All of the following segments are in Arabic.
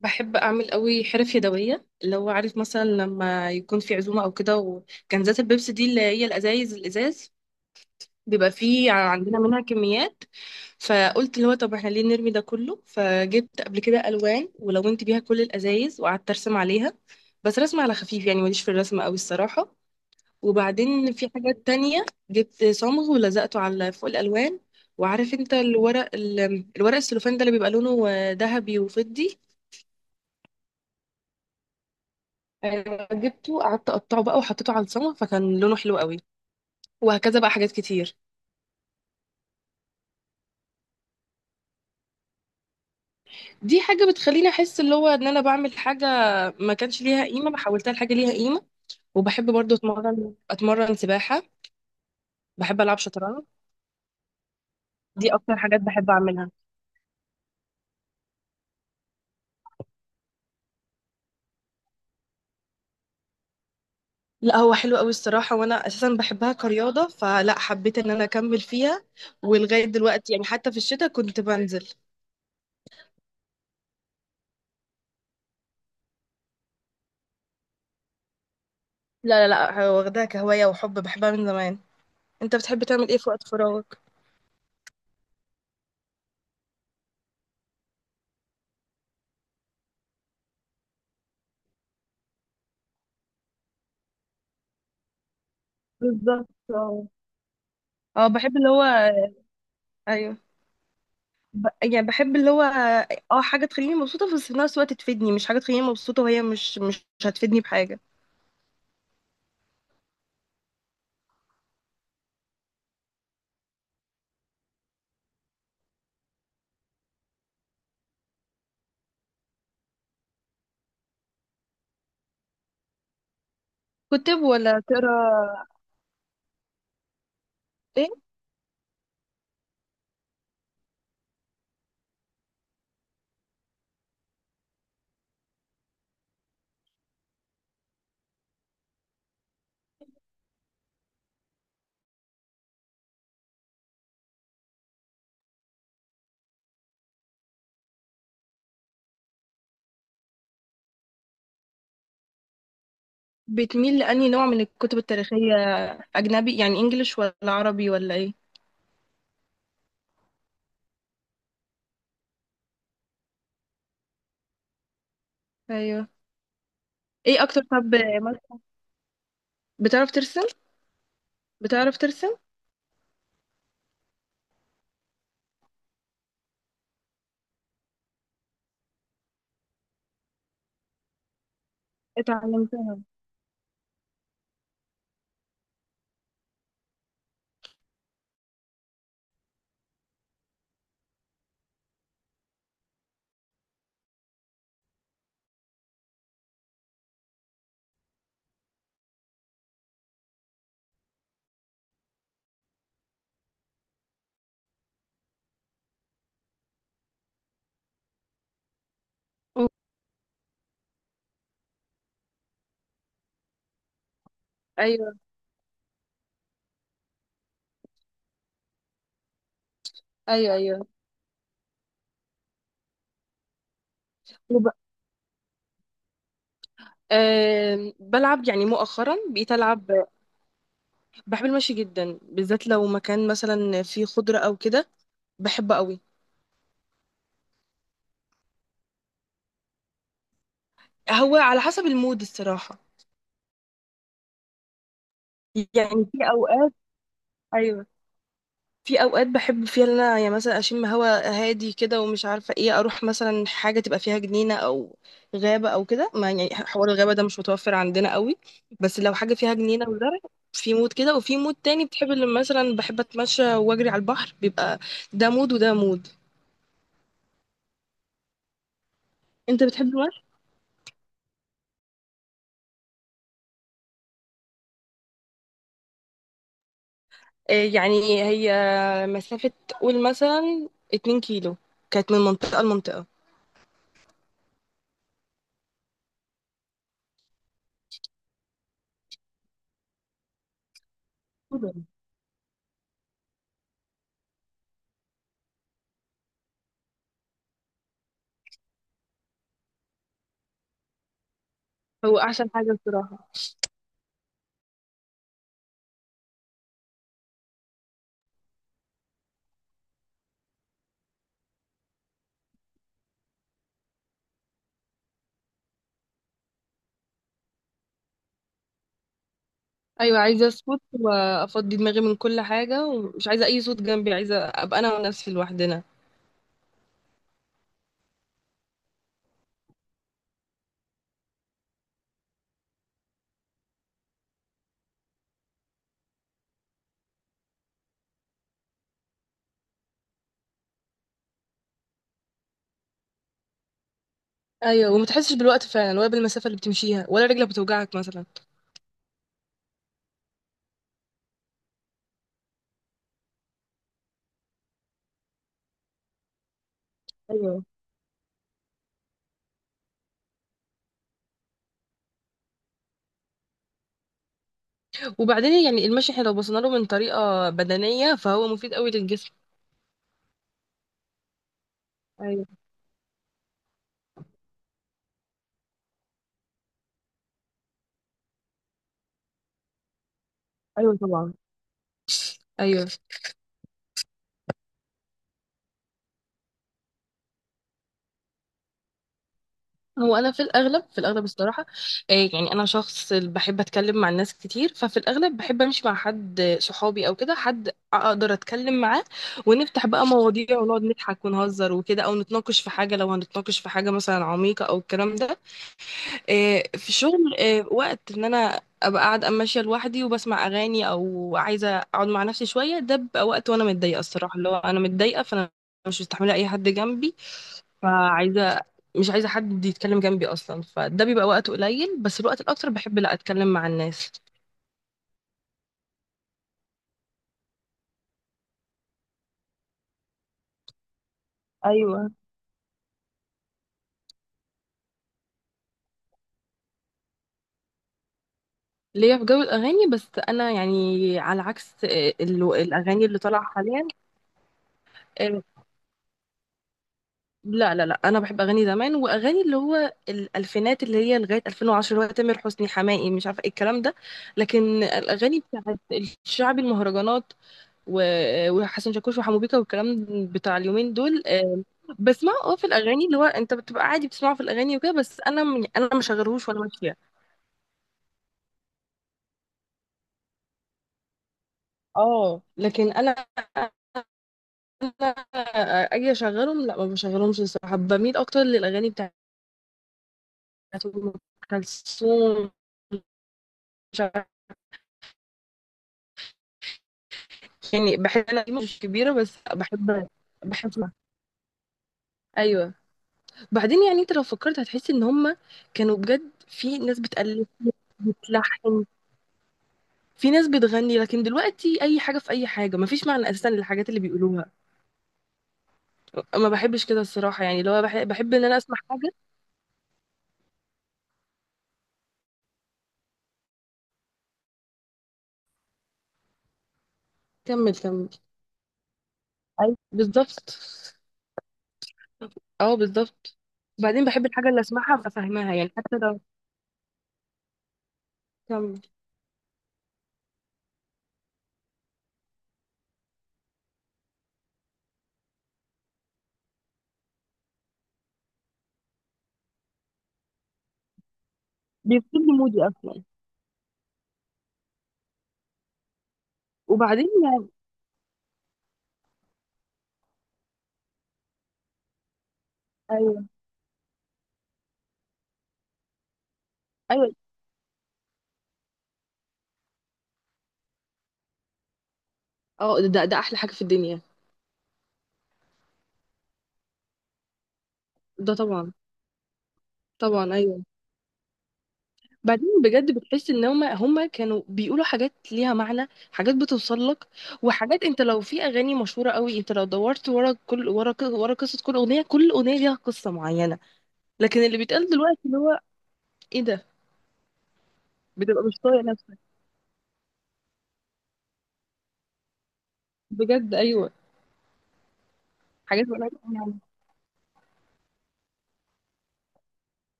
بحب اعمل قوي حرف يدويه، اللي هو عارف، مثلا لما يكون في عزومه او كده. وكنزات البيبسي دي اللي هي الازايز، الازاز بيبقى فيه عندنا منها كميات. فقلت اللي هو، طب احنا ليه نرمي ده كله؟ فجبت قبل كده الوان ولونت بيها كل الازايز وقعدت ارسم عليها. بس رسم على خفيف، يعني ماليش في الرسم قوي الصراحه. وبعدين في حاجات تانية، جبت صمغ ولزقته على فوق الالوان. وعارف انت الورق الورق السلوفان ده اللي بيبقى لونه ذهبي وفضي. أيوة، جبته قعدت اقطعه بقى وحطيته على الصمغ فكان لونه حلو قوي. وهكذا بقى، حاجات كتير. دي حاجه بتخليني احس اللي هو ان انا بعمل حاجه ما كانش ليها قيمه، بحولتها لحاجه ليها قيمه. وبحب برضو اتمرن سباحه. بحب العب شطرنج. دي اكتر حاجات بحب اعملها. لا، هو حلو قوي الصراحه، وانا اساسا بحبها كرياضه، فلا حبيت ان انا اكمل فيها. ولغايه دلوقتي يعني حتى في الشتاء كنت بنزل. لا لا لا، واخداها كهوايه وحب، بحبها من زمان. انت بتحب تعمل ايه في وقت فراغك؟ بالظبط. اه، بحب اللي هو. ايوه. يعني بحب اللي هو. اه، حاجه تخليني مبسوطه بس في نفس الوقت تفيدني، مش حاجه تخليني مبسوطه وهي مش هتفيدني بحاجه. كتب ولا تقرا؟ ايه؟ بتميل لأنهي نوع من الكتب التاريخيه؟ اجنبي يعني انجليش ولا عربي ولا ايه؟ ايوه. ايه اكتر طب؟ مس- بتعرف ترسم؟ بتعرف ترسم؟ اتعلمتها؟ أو- ايوه ايوه ايوه. وب... أه بلعب، يعني مؤخرا بقيت العب. بحب المشي جدا، بالذات لو مكان مثلا فيه خضره او كده. بحبه قوي. هو على حسب المود الصراحة. يعني في أوقات. أيوة. في أوقات بحب فيها إن أنا يعني مثلا أشم هوا هادي كده ومش عارفة إيه، أروح مثلا حاجة تبقى فيها جنينة أو غابة أو كده. ما يعني حوار الغابة ده مش متوفر عندنا قوي. بس لو حاجة فيها جنينة وزرع. في مود كده، وفي مود تاني بتحب اللي مثلا بحب أتمشى وأجري على البحر بيبقى. ده مود وده مود. أنت بتحب المشي؟ يعني هي مسافة، قول مثلا 2 كيلو، كانت من منطقة لمنطقة. هو أحسن حاجة الصراحة. ايوه، عايزه اسكت وافضي دماغي من كل حاجه، ومش عايزه اي صوت جنبي، عايزه ابقى انا ونفسي لوحدنا. ايوه، وما تحسش بالوقت فعلا، ولا بالمسافه اللي بتمشيها، ولا رجلك بتوجعك مثلا. ايوه. وبعدين يعني المشي، احنا لو بصينا له من طريقه بدنيه، فهو مفيد قوي للجسم. ايوه ايوه طبعا. ايوه. هو انا في الاغلب الصراحه. يعني انا شخص بحب اتكلم مع الناس كتير، ففي الاغلب بحب امشي مع حد، صحابي او كده، حد اقدر اتكلم معاه. ونفتح بقى مواضيع ونقعد نضحك ونهزر وكده، او نتناقش في حاجه، لو هنتناقش في حاجه مثلا عميقه او الكلام ده. في الشغل، وقت ان انا ابقى قاعده ماشيه لوحدي وبسمع اغاني، او عايزه اقعد مع نفسي شويه، ده بيبقى وقت وانا متضايقه الصراحه، اللي هو انا متضايقه، فانا مش مستحمله اي حد جنبي. فعايزة. مش عايزة حد يتكلم جنبي أصلا، فده بيبقى وقت قليل، بس الوقت الأكتر بحب لا أتكلم مع الناس. ايوه، ليا في جو الأغاني، بس أنا يعني على عكس الأغاني اللي طالعة حاليا. آه، لا لا لا، أنا بحب أغاني زمان وأغاني اللي هو الألفينات اللي هي لغاية 2010، اللي هو تامر حسني، حماقي، مش عارفة إيه الكلام ده. لكن الأغاني بتاعت الشعبي، المهرجانات وحسن شاكوش وحمو بيكا والكلام بتاع اليومين دول، بسمعه، في الاغاني اللي هو انت بتبقى عادي بتسمعه في الاغاني وكده، بس انا انا ما شغلهوش وانا ماشيه. اه لكن انا اجي اشغلهم، لا ما بشغلهمش الصراحه، بميل اكتر للاغاني بتاعت ام كلثوم. مش عارفة. يعني بحب، انا دي مش كبيره، بس بحب بحب أسمع. ايوه. بعدين يعني انت لو فكرت هتحس ان هم كانوا بجد، في ناس بتألف، بتلحن، في ناس بتغني، لكن دلوقتي اي حاجه في اي حاجه، مفيش معنى اساسا للحاجات اللي بيقولوها. ما بحبش كده الصراحه، يعني لو بحب ان انا اسمع حاجه. كمل كمل. اي بالظبط. اه بالظبط. وبعدين بحب الحاجه اللي اسمعها ابقى فاهماها، يعني حتى لو. كمل. بيفصل لي مودي اصلا. وبعدين يعني. ايوه ايوه. اه، ده ده ده احلى حاجه في الدنيا. ده طبعا. طبعا ايوه. بعدين بجد بتحس ان هما كانوا بيقولوا حاجات ليها معنى، حاجات بتوصل لك. وحاجات، انت لو في اغاني مشهوره قوي انت لو دورت ورا قصه كل اغنيه، كل اغنيه ليها قصه معينه. لكن اللي بيتقال دلوقتي اللي هو ايه ده! بتبقى مش طايق نفسك. بجد ايوه. حاجات ملهاش أي معنى.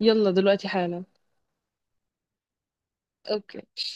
يلا دلوقتي حالا. اوكي.